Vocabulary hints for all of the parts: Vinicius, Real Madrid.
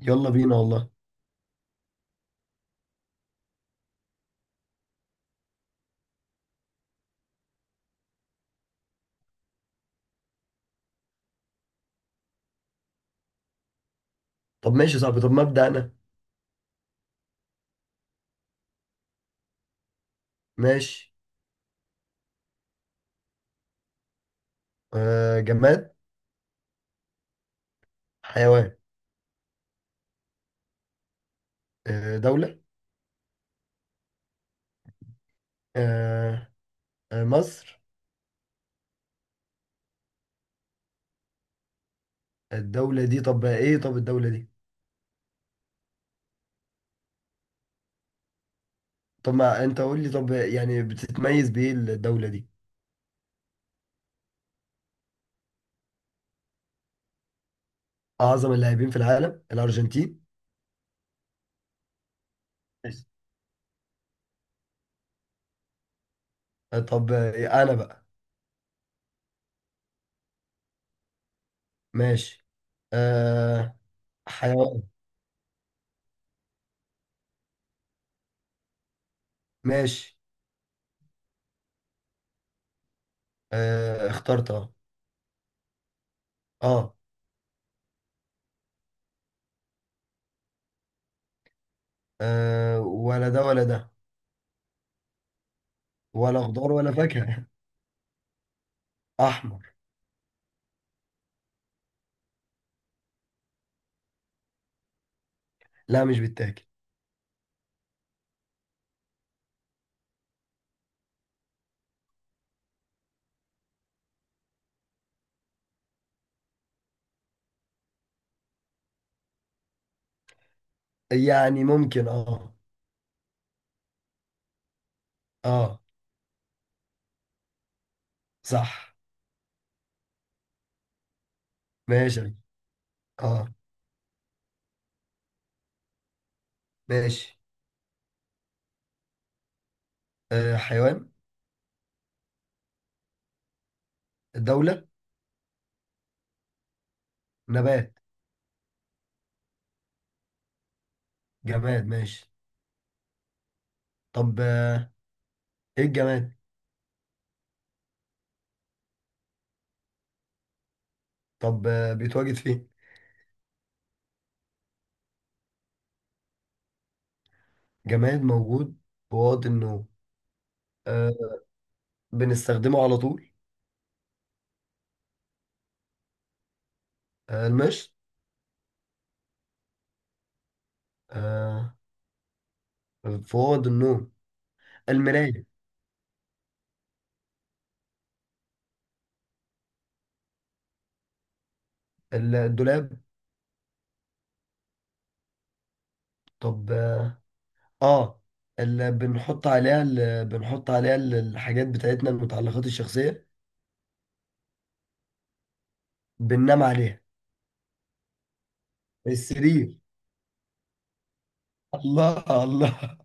يلا بينا والله. طب ماشي يا صاحبي، طب مبدأ أنا. ماشي. آه، جماد. حيوان. آه، دولة. آه. آه، مصر. الدولة دي طب إيه طب الدولة دي؟ طب ما أنت قول لي، طب يعني بتتميز بإيه الدولة دي؟ أعظم اللاعبين في العالم، الأرجنتين. بس. آه، طب أنا بقى. ماشي. آه، حيوان. ماشي. آه، اخترت أه. أه. آه، ولا ده ولا ده. ولا خضار ولا فاكهة. أحمر. لا، مش بالتاكل. يعني ممكن اه. اه. صح. ماشي. اه. ماشي. آه، حيوان. دولة. نبات. جماد ماشي. طب آه، ايه الجماد؟ طب بيتواجد فين؟ جماد موجود في اوض النوم. آه. بنستخدمه على طول. آه، المشط. آه. في اوض النوم. المراية. الدولاب. طب اه، آه، اللي بنحط عليها الحاجات بتاعتنا، المتعلقات الشخصية. بننام عليها. السرير. الله الله.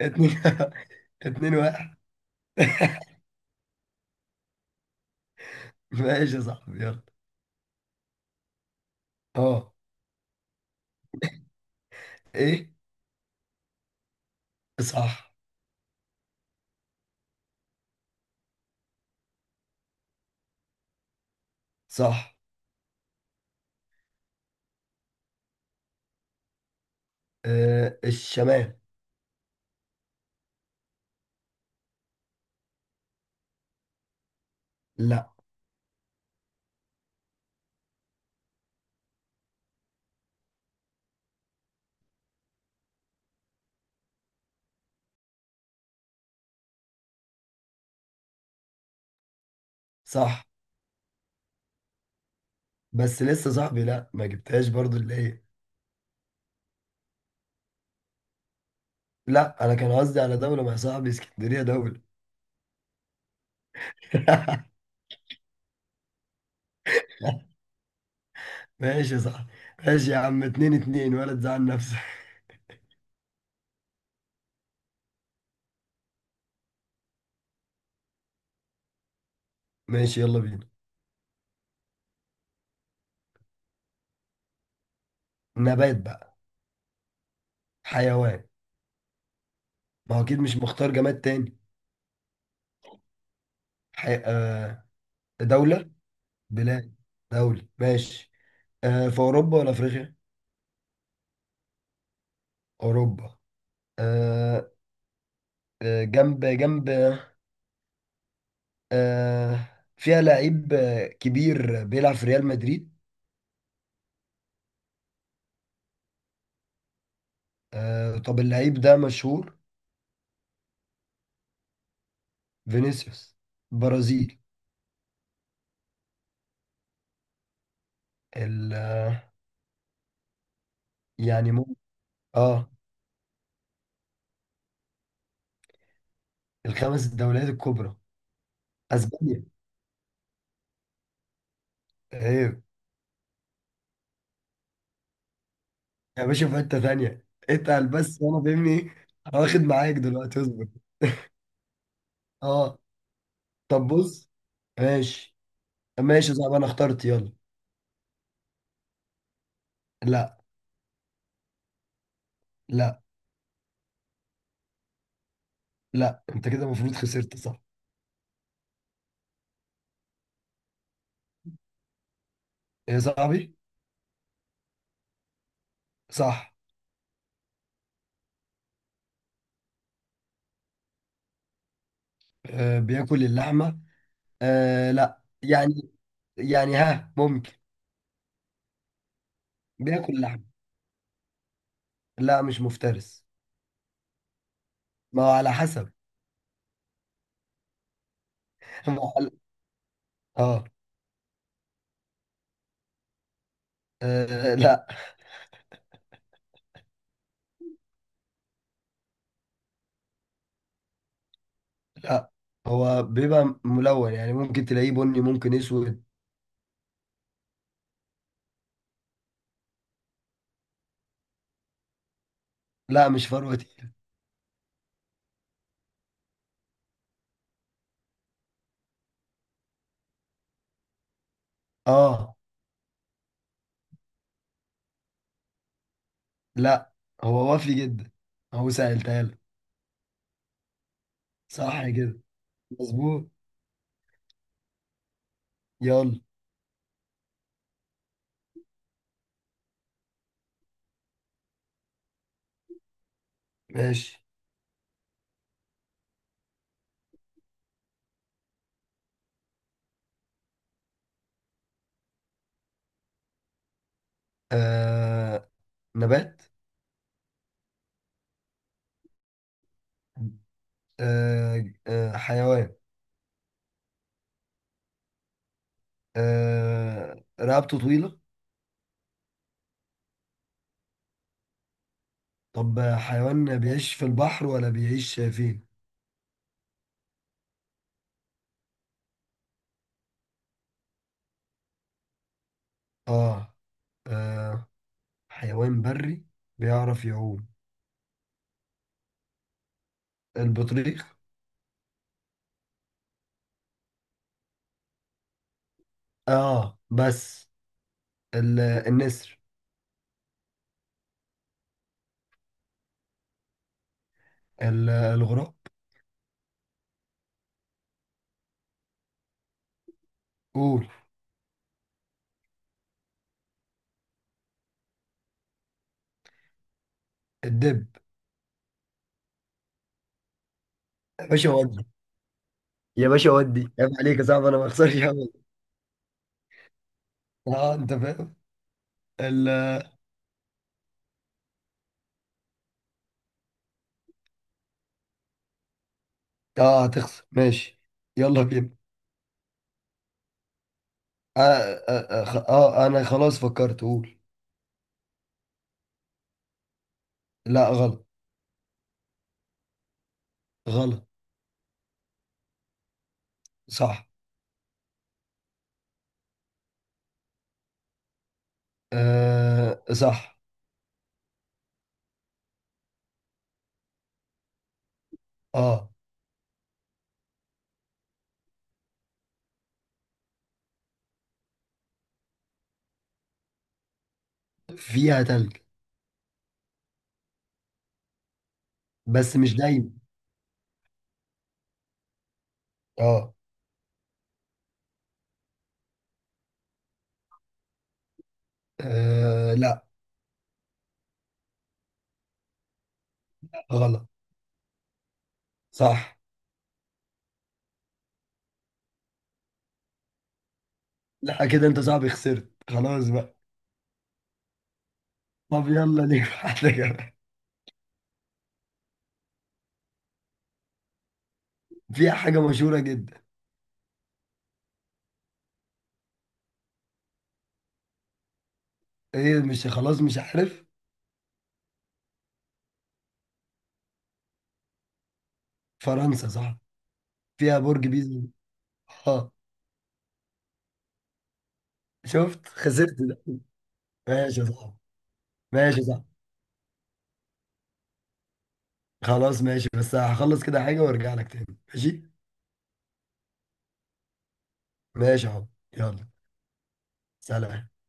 اتنين. 2-1. ماشي يا صاحبي، يلا. اه. ايه. صح. صح. آه، الشمال. لا. صح. بس لسه صاحبي، لا ما جبتهاش برضو اللي هي. لا، انا كان قصدي على دولة، مع صاحبي اسكندرية دولة. ماشي يا صاحبي. ماشي يا عم، 2-2، ولا تزعل نفسك. ماشي، يلا بينا. نبات بقى. حيوان. ما هو اكيد مش مختار جماد تاني. آه. دولة. بلاد. دولة ماشي. آه، في اوروبا ولا افريقيا؟ اوروبا. آه. آه، جنب جنب. آه. فيها لعيب كبير بيلعب في ريال مدريد. آه، طب اللعيب ده مشهور؟ فينيسيوس. برازيل. ال- يعني ممكن. اه. الخمس الدوريات الكبرى. اسبانيا. ايه. يا باشا، في حته ثانيه اتقل بس، وانا فاهمني. واخد معاك دلوقتي، اصبر. اه. طب بص. ماشي. ماشي صعب، انا اخترت، يلا. لا. لا. لا، انت كده المفروض خسرت، صح؟ يا صاحبي. صح. آه، بياكل اللحمة. آه لا، يعني. يعني ها، ممكن. بياكل لحمة. لا، مش مفترس. ما هو على حسب. ما هو على- اه. آه، لا. لا، هو بيبقى ملون، يعني ممكن تلاقيه بني، ممكن اسود. لا، مش فروة تقيلة. اه. لا، هو وافي جدا. هو سألتها لك. صح كده. مظبوط. يلا. ماشي. آه، نبات. آه، حيوان. آه، رقبته طويلة. طب حيوان بيعيش في البحر ولا بيعيش فين؟ آه، آه. حيوان بري. بيعرف يعوم. البطريق. آه بس. النسر. الغراب. قول. الدب. يا باشا ودي يا باشا ودي عيب عليك يا صاحبي، أنا ما بخسرش أبدا. آه أنت فاهم. ال آه، هتخسر ماشي. يلا بينا. آه, أنا خلاص فكرت، قول. لا، غلط. غلط. صح. آه، صح. اه. فيها تلج. بس مش دايما. اه. آه، لا. غلط. صح. لا، كده انت صاحبي خسرت خلاص بقى. طب يلا، ليه واحدة كمان. فيها حاجة مشهورة جدا. ايه، مش خلاص مش عارف. فرنسا صح. فيها برج بيزا. اه. شفت خسرت ده. ماشي يا صاحبي. ماشي يا صاحبي. خلاص ماشي، بس هخلص كده حاجة وارجع لك تاني. ماشي. ماشي يا حب. يلا. سلام.